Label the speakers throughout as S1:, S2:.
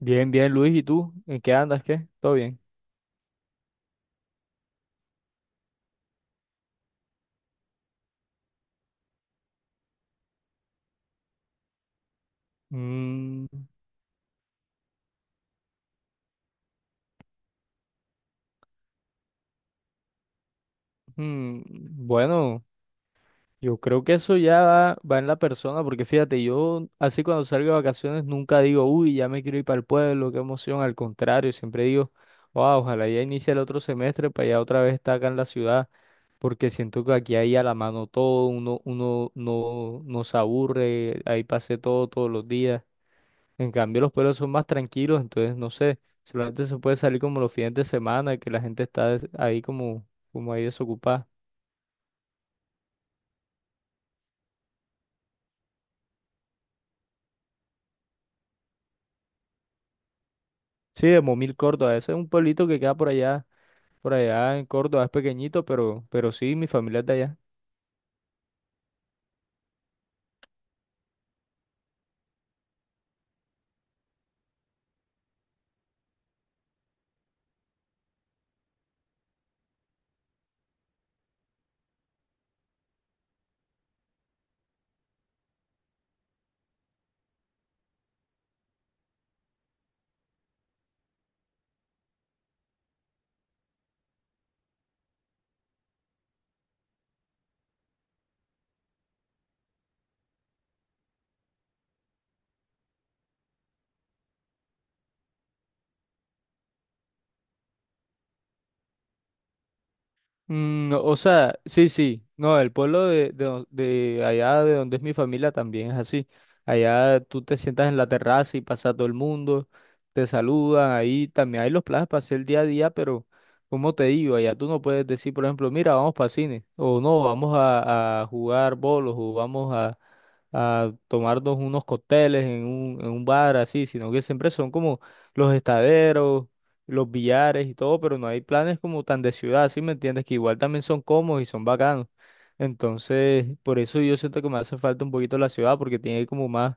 S1: Bien, bien, Luis, ¿y tú? ¿En qué andas? ¿Qué? ¿Todo bien? Mm. Mm. Bueno, yo creo que eso ya va en la persona, porque fíjate, yo así cuando salgo de vacaciones nunca digo: uy, ya me quiero ir para el pueblo, qué emoción. Al contrario, siempre digo: wow, ojalá ya inicie el otro semestre para ya otra vez estar acá en la ciudad, porque siento que aquí hay a la mano todo. Uno no se aburre, ahí pasé todos los días. En cambio, los pueblos son más tranquilos, entonces no sé, solamente se puede salir como los fines de semana, que la gente está ahí como, ahí desocupada. Sí, de Momil, Córdoba, ese es un pueblito que queda por allá en Córdoba, es pequeñito, pero sí, mi familia es de allá. Mm, o sea, sí, sí, no, el pueblo de allá de donde es mi familia también es así. Allá tú te sientas en la terraza y pasa todo el mundo, te saludan, ahí también hay los planes para hacer día a día, pero como te digo, allá tú no puedes decir, por ejemplo: mira, vamos para cine, o no, vamos a jugar bolos, o vamos a tomarnos unos cócteles en un bar así, sino que siempre son como los estaderos, los billares y todo, pero no hay planes como tan de ciudad. ¿Sí me entiendes? Que igual también son cómodos y son bacanos. Entonces, por eso yo siento que me hace falta un poquito la ciudad, porque tiene como más,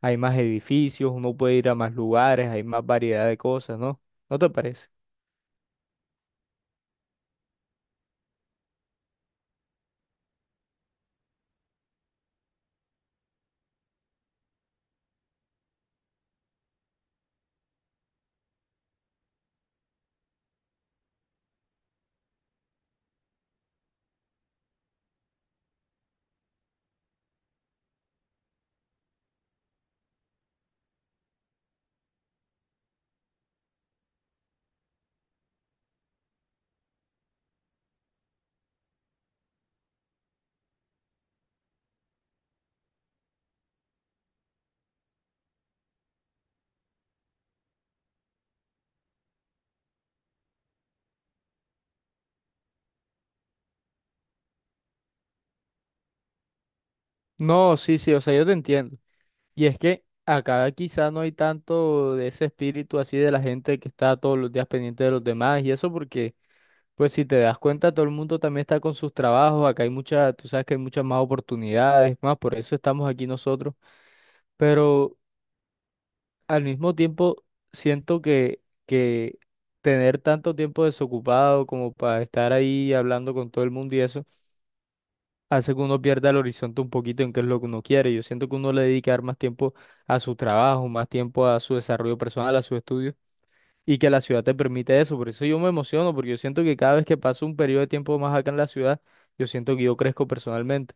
S1: hay más edificios, uno puede ir a más lugares, hay más variedad de cosas, ¿no? ¿No te parece? No, sí, sí, o sea, yo te entiendo. Y es que acá quizá no hay tanto de ese espíritu así de la gente que está todos los días pendiente de los demás y eso, porque, pues si te das cuenta, todo el mundo también está con sus trabajos. Acá hay muchas, tú sabes que hay muchas más oportunidades, más, por eso estamos aquí nosotros, pero al mismo tiempo siento que tener tanto tiempo desocupado como para estar ahí hablando con todo el mundo y eso, hace que uno pierda el horizonte un poquito en qué es lo que uno quiere. Yo siento que uno le dedicar más tiempo a su trabajo, más tiempo a su desarrollo personal, a sus estudios, y que la ciudad te permite eso. Por eso yo me emociono, porque yo siento que cada vez que paso un periodo de tiempo más acá en la ciudad, yo siento que yo crezco personalmente.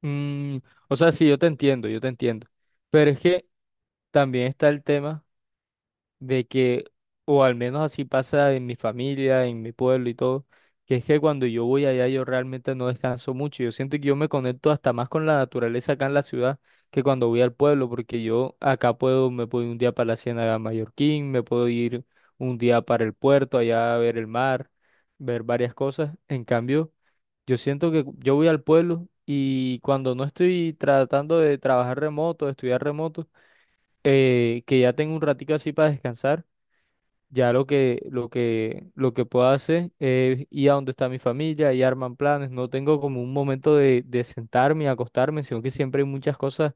S1: Mm, o sea, sí, yo te entiendo, yo te entiendo. Pero es que también está el tema de que, o al menos así pasa en mi familia, en mi pueblo y todo, que es que cuando yo voy allá yo realmente no descanso mucho. Yo siento que yo me conecto hasta más con la naturaleza acá en la ciudad que cuando voy al pueblo, porque yo acá puedo, me puedo ir un día para la Ciénaga Mallorquín, me puedo ir un día para el puerto, allá a ver el mar, ver varias cosas. En cambio, yo siento que yo voy al pueblo y cuando no estoy tratando de trabajar remoto, de estudiar remoto, que ya tengo un ratico así para descansar, ya lo que puedo hacer es ir a donde está mi familia y arman planes. No tengo como un momento de sentarme y acostarme, sino que siempre hay muchas cosas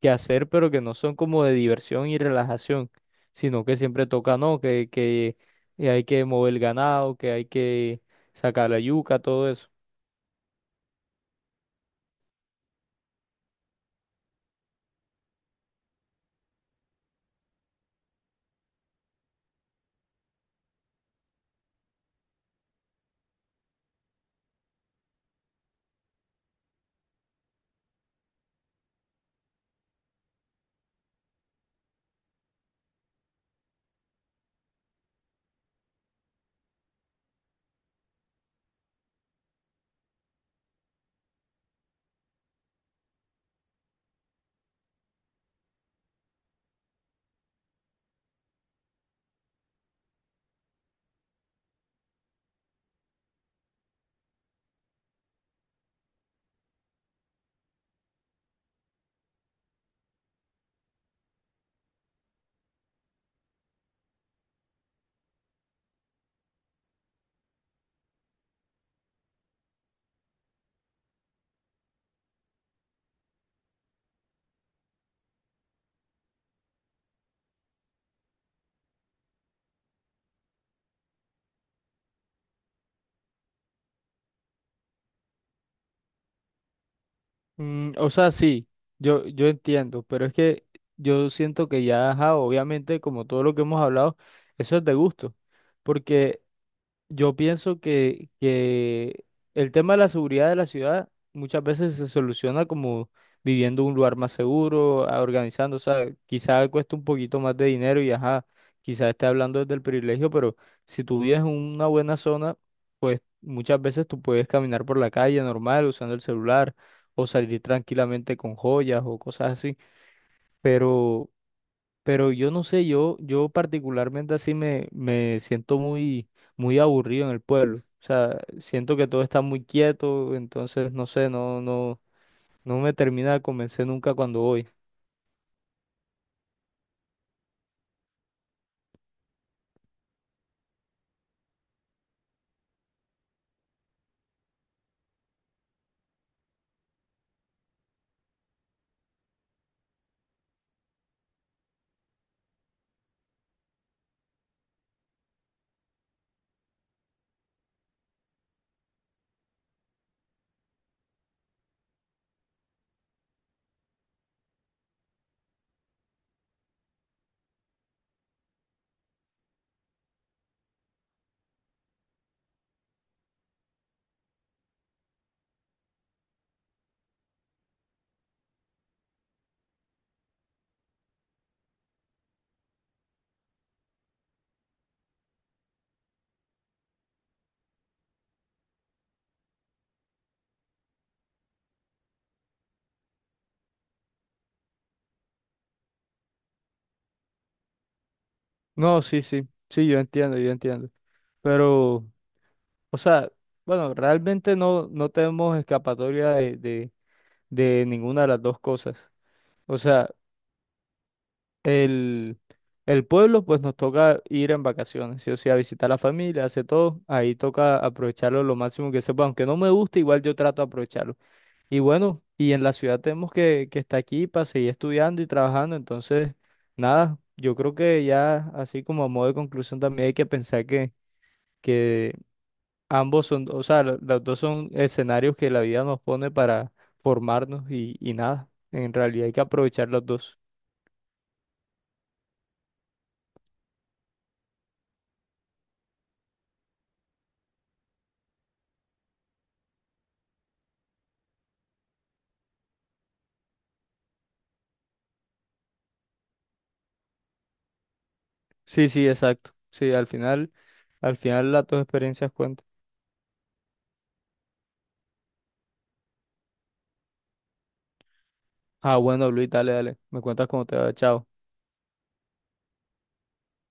S1: que hacer, pero que no son como de diversión y relajación, sino que siempre toca, ¿no? Que hay que mover el ganado, que hay que sacar la yuca, todo eso. Mm, o sea, sí, yo entiendo, pero es que yo siento que ya, ajá, obviamente, como todo lo que hemos hablado, eso es de gusto. Porque yo pienso que el tema de la seguridad de la ciudad muchas veces se soluciona como viviendo en un lugar más seguro, organizando, o sea, quizá cuesta un poquito más de dinero y ajá, quizá esté hablando desde el privilegio, pero si tú vives en una buena zona, pues muchas veces tú puedes caminar por la calle normal usando el celular o salir tranquilamente con joyas o cosas así, pero yo no sé, yo particularmente así me siento muy, muy aburrido en el pueblo. O sea, siento que todo está muy quieto, entonces no sé, no, no me termina de convencer nunca cuando voy. No, sí, sí, sí, yo entiendo, yo entiendo. Pero, o sea, bueno, realmente no tenemos escapatoria de, de ninguna de las dos cosas. O sea, el, el pueblo, pues nos toca ir en vacaciones, sí o sí, a visitar a la familia, hace todo. Ahí toca aprovecharlo lo máximo que se pueda. Aunque no me guste, igual yo trato de aprovecharlo. Y bueno, y en la ciudad tenemos que estar aquí para seguir estudiando y trabajando. Entonces, nada, yo creo que ya, así como a modo de conclusión, también hay que pensar que ambos son, o sea, los dos son escenarios que la vida nos pone para formarnos, y nada. En realidad hay que aprovechar los dos. Sí, sí, exacto. Sí, al final. Al final las dos experiencias cuentan. Ah, bueno, Luis, dale, dale. Me cuentas cómo te va. Chao.